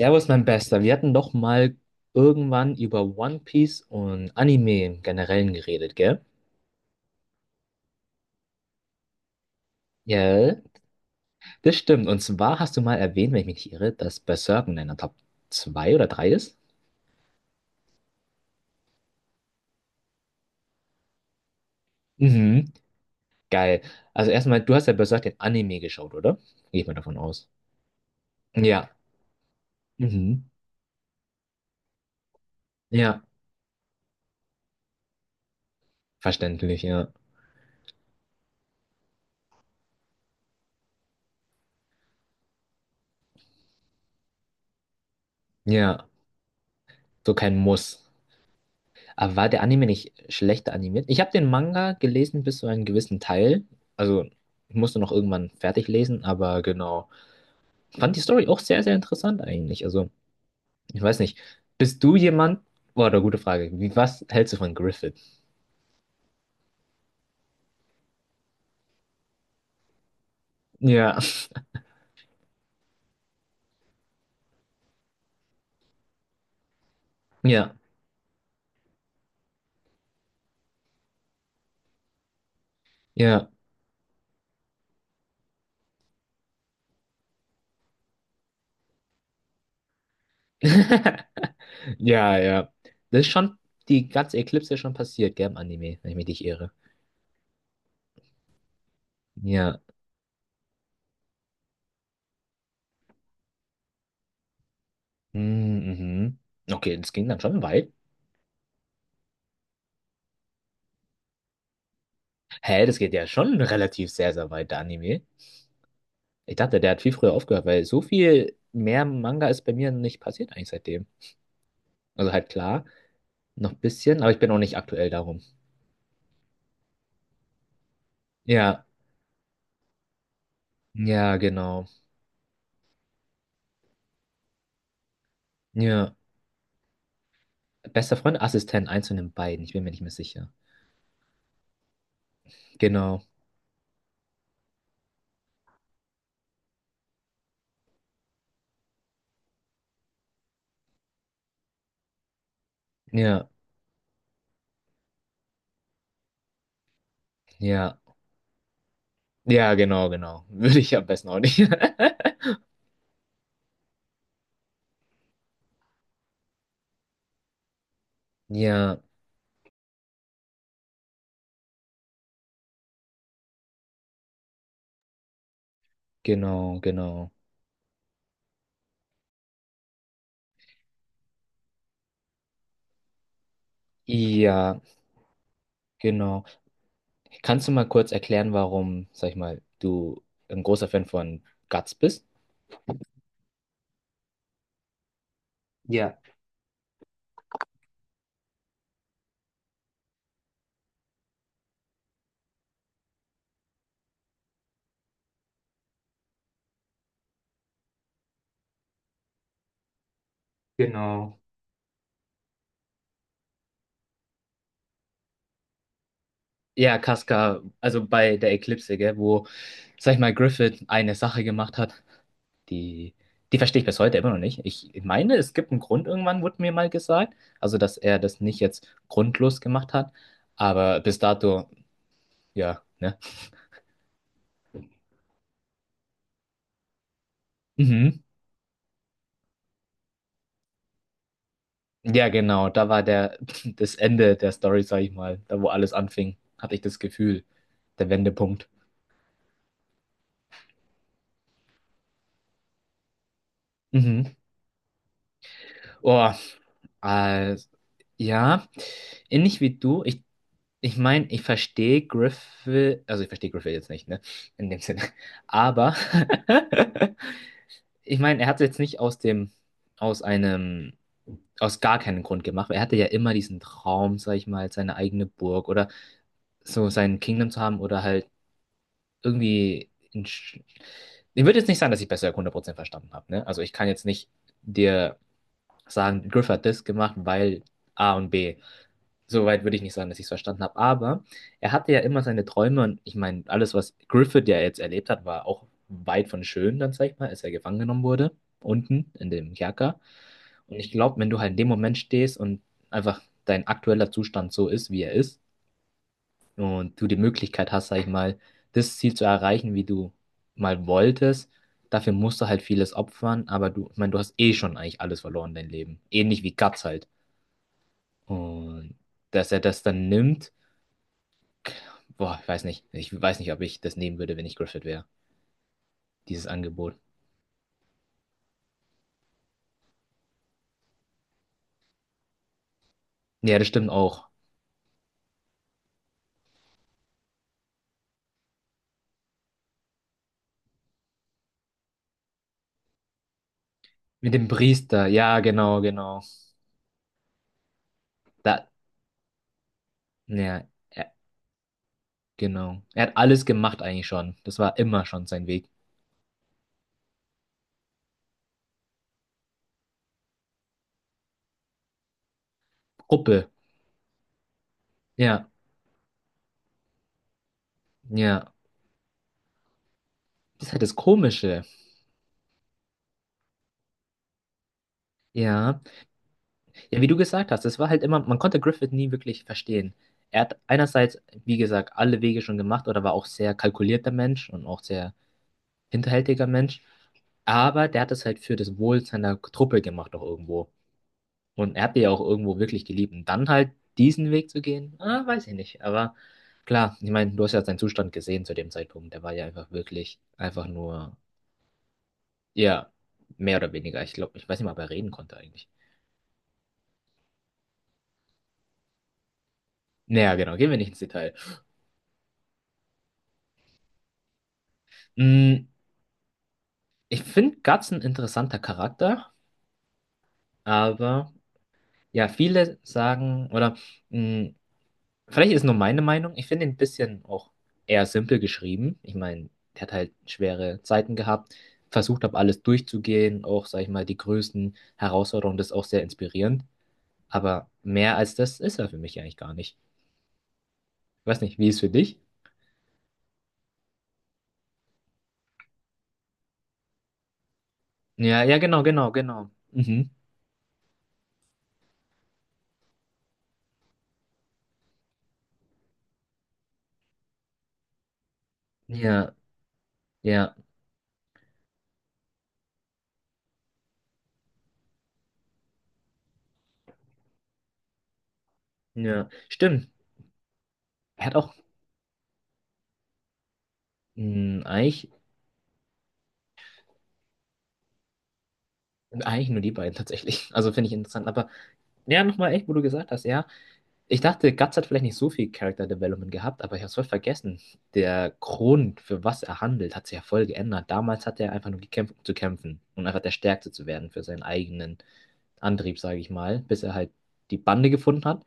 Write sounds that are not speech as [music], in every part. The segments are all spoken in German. Servus, mein Bester. Wir hatten doch mal irgendwann über One Piece und Anime im Generellen geredet, gell? Ja, das stimmt. Und zwar hast du mal erwähnt, wenn ich mich nicht irre, dass Berserk in deiner Top 2 oder drei ist. Mhm. Geil. Also erstmal, du hast ja Berserk den Anime geschaut, oder? Gehe ich mal davon aus. Ja. Mhm. Ja. Verständlich, ja. Ja. So kein Muss. Aber war der Anime nicht schlechter animiert? Ich habe den Manga gelesen bis zu einem gewissen Teil. Also, ich musste noch irgendwann fertig lesen, aber genau. Fand die Story auch sehr, sehr interessant eigentlich. Also, ich weiß nicht. Bist du jemand? Boah, eine gute Frage. Wie, was hältst du von Griffith? Ja, ja, ja. [laughs] Ja, ja. Das ist schon, die ganze Eclipse ist schon passiert, gell, im Anime, wenn ich mich nicht irre. Ja. Mm, mhm. Okay, das ging dann schon weit. Hä, das geht ja schon relativ sehr, sehr weit, der Anime. Ich dachte, der hat viel früher aufgehört, weil so viel mehr Manga ist bei mir nicht passiert eigentlich seitdem. Also halt klar, noch ein bisschen, aber ich bin auch nicht aktuell darum. Ja, ja, genau. Ja, bester Freund, Assistent, eins von den beiden, ich bin mir nicht mehr sicher. Genau, ja, ja, ja, genau, genau. [laughs] Würde ich am besten auch nicht. [laughs] Ja, genau, genau. Ja, genau. Kannst du mal kurz erklären, warum, sag ich mal, du ein großer Fan von Guts bist? Ja, genau. Ja, Casca, also bei der Eklipse, gell, wo, sag ich mal, Griffith eine Sache gemacht hat, die, die verstehe ich bis heute immer noch nicht. Ich meine, es gibt einen Grund, irgendwann wurde mir mal gesagt, also dass er das nicht jetzt grundlos gemacht hat, aber bis dato, ja, ne? Mhm. Ja, genau, da war der, [laughs] das Ende der Story, sag ich mal, da wo alles anfing, hatte ich das Gefühl, der Wendepunkt. Mhm. Oh, äh, ja, ähnlich wie du. Ich meine, ich verstehe Griffith, also ich verstehe Griffith jetzt nicht, ne? In dem Sinne. Aber [laughs] ich meine, er hat es jetzt nicht aus dem, aus einem, aus gar keinem Grund gemacht. Er hatte ja immer diesen Traum, sag ich mal, seine eigene Burg oder so sein Kingdom zu haben oder halt irgendwie. Ich würde jetzt nicht sagen, dass ich besser 100% verstanden habe, ne? Also ich kann jetzt nicht dir sagen, Griffith hat das gemacht, weil A und B. Soweit würde ich nicht sagen, dass ich es verstanden habe. Aber er hatte ja immer seine Träume und ich meine, alles, was Griffith ja jetzt erlebt hat, war auch weit von schön, dann sag ich mal, als er gefangen genommen wurde, unten in dem Kerker. Und ich glaube, wenn du halt in dem Moment stehst und einfach dein aktueller Zustand so ist, wie er ist, und du die Möglichkeit hast, sag ich mal, das Ziel zu erreichen, wie du mal wolltest, dafür musst du halt vieles opfern, aber du, ich meine, du hast eh schon eigentlich alles verloren, dein Leben. Ähnlich wie Guts halt. Und dass er das dann nimmt. Boah, ich weiß nicht. Ich weiß nicht, ob ich das nehmen würde, wenn ich Griffith wäre. Dieses Angebot. Ja, das stimmt auch. Mit dem Priester. Ja, genau, genau. Da, ja, ja, genau. Er hat alles gemacht eigentlich schon. Das war immer schon sein Weg. Gruppe. Ja, ja. Das ist halt das Komische. Ja. Ja, wie du gesagt hast, das war halt immer, man konnte Griffith nie wirklich verstehen. Er hat einerseits, wie gesagt, alle Wege schon gemacht oder war auch sehr kalkulierter Mensch und auch sehr hinterhältiger Mensch, aber der hat es halt für das Wohl seiner Truppe gemacht auch irgendwo. Und er hat die ja auch irgendwo wirklich geliebt. Und dann halt diesen Weg zu gehen, ah, weiß ich nicht. Aber klar, ich meine, du hast ja seinen Zustand gesehen zu dem Zeitpunkt. Der war ja einfach wirklich, einfach nur, ja, mehr oder weniger. Ich glaube, ich weiß nicht mal, ob er reden konnte eigentlich. Naja, genau, gehen wir nicht ins Detail. Mm, Ich finde Guts ein interessanter Charakter, aber ja, viele sagen, oder mm, Vielleicht ist nur meine Meinung. Ich finde ihn ein bisschen auch eher simpel geschrieben. Ich meine, der hat halt schwere Zeiten gehabt, versucht habe, alles durchzugehen, auch, sag ich mal, die größten Herausforderungen, das ist auch sehr inspirierend. Aber mehr als das ist er für mich eigentlich gar nicht. Ich weiß nicht, wie ist es für dich? Ja, ja, genau, genau, genau. Mhm. Ja, ja, ja. Stimmt. Er hat auch mh, eigentlich, eigentlich nur die beiden tatsächlich. Also finde ich interessant. Aber ja, nochmal echt, wo du gesagt hast, ja. Ich dachte, Guts hat vielleicht nicht so viel Character Development gehabt, aber ich habe es voll vergessen. Der Grund, für was er handelt, hat sich ja voll geändert. Damals hat er einfach nur gekämpft, um zu kämpfen und einfach der Stärkste zu werden für seinen eigenen Antrieb, sage ich mal, bis er halt die Bande gefunden hat.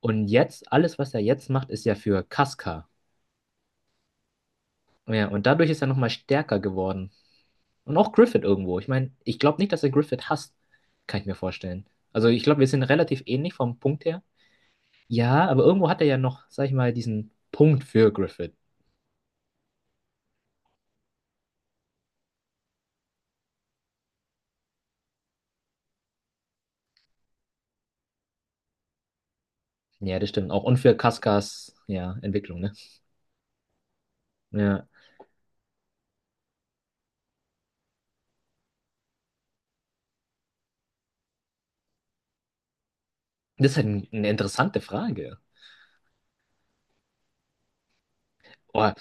Und jetzt, alles, was er jetzt macht, ist ja für Casca. Ja, und dadurch ist er nochmal stärker geworden. Und auch Griffith irgendwo. Ich meine, ich glaube nicht, dass er Griffith hasst, kann ich mir vorstellen. Also ich glaube, wir sind relativ ähnlich vom Punkt her. Ja, aber irgendwo hat er ja noch, sag ich mal, diesen Punkt für Griffith. Ja, das stimmt auch. Und für Kaskas, ja, Entwicklung, ne? Ja. Das ist halt eine interessante Frage. Oh,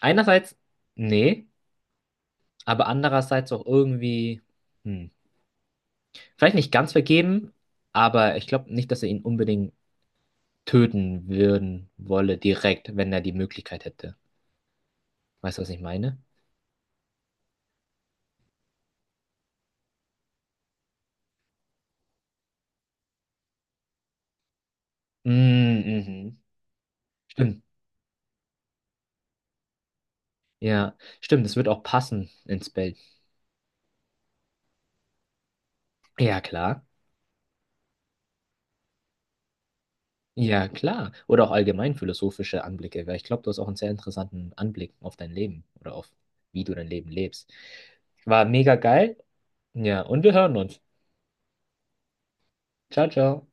einerseits, nee, aber andererseits auch irgendwie, hm, vielleicht nicht ganz vergeben, aber ich glaube nicht, dass er ihn unbedingt töten würden wolle, direkt, wenn er die Möglichkeit hätte. Weißt du, was ich meine? Mm, mhm. Stimmt. Ja, stimmt, das wird auch passen ins Bild. Ja, klar. Ja, klar. Oder auch allgemein philosophische Anblicke, weil ich glaube, du hast auch einen sehr interessanten Anblick auf dein Leben oder auf wie du dein Leben lebst. War mega geil. Ja, und wir hören uns. Ciao, ciao.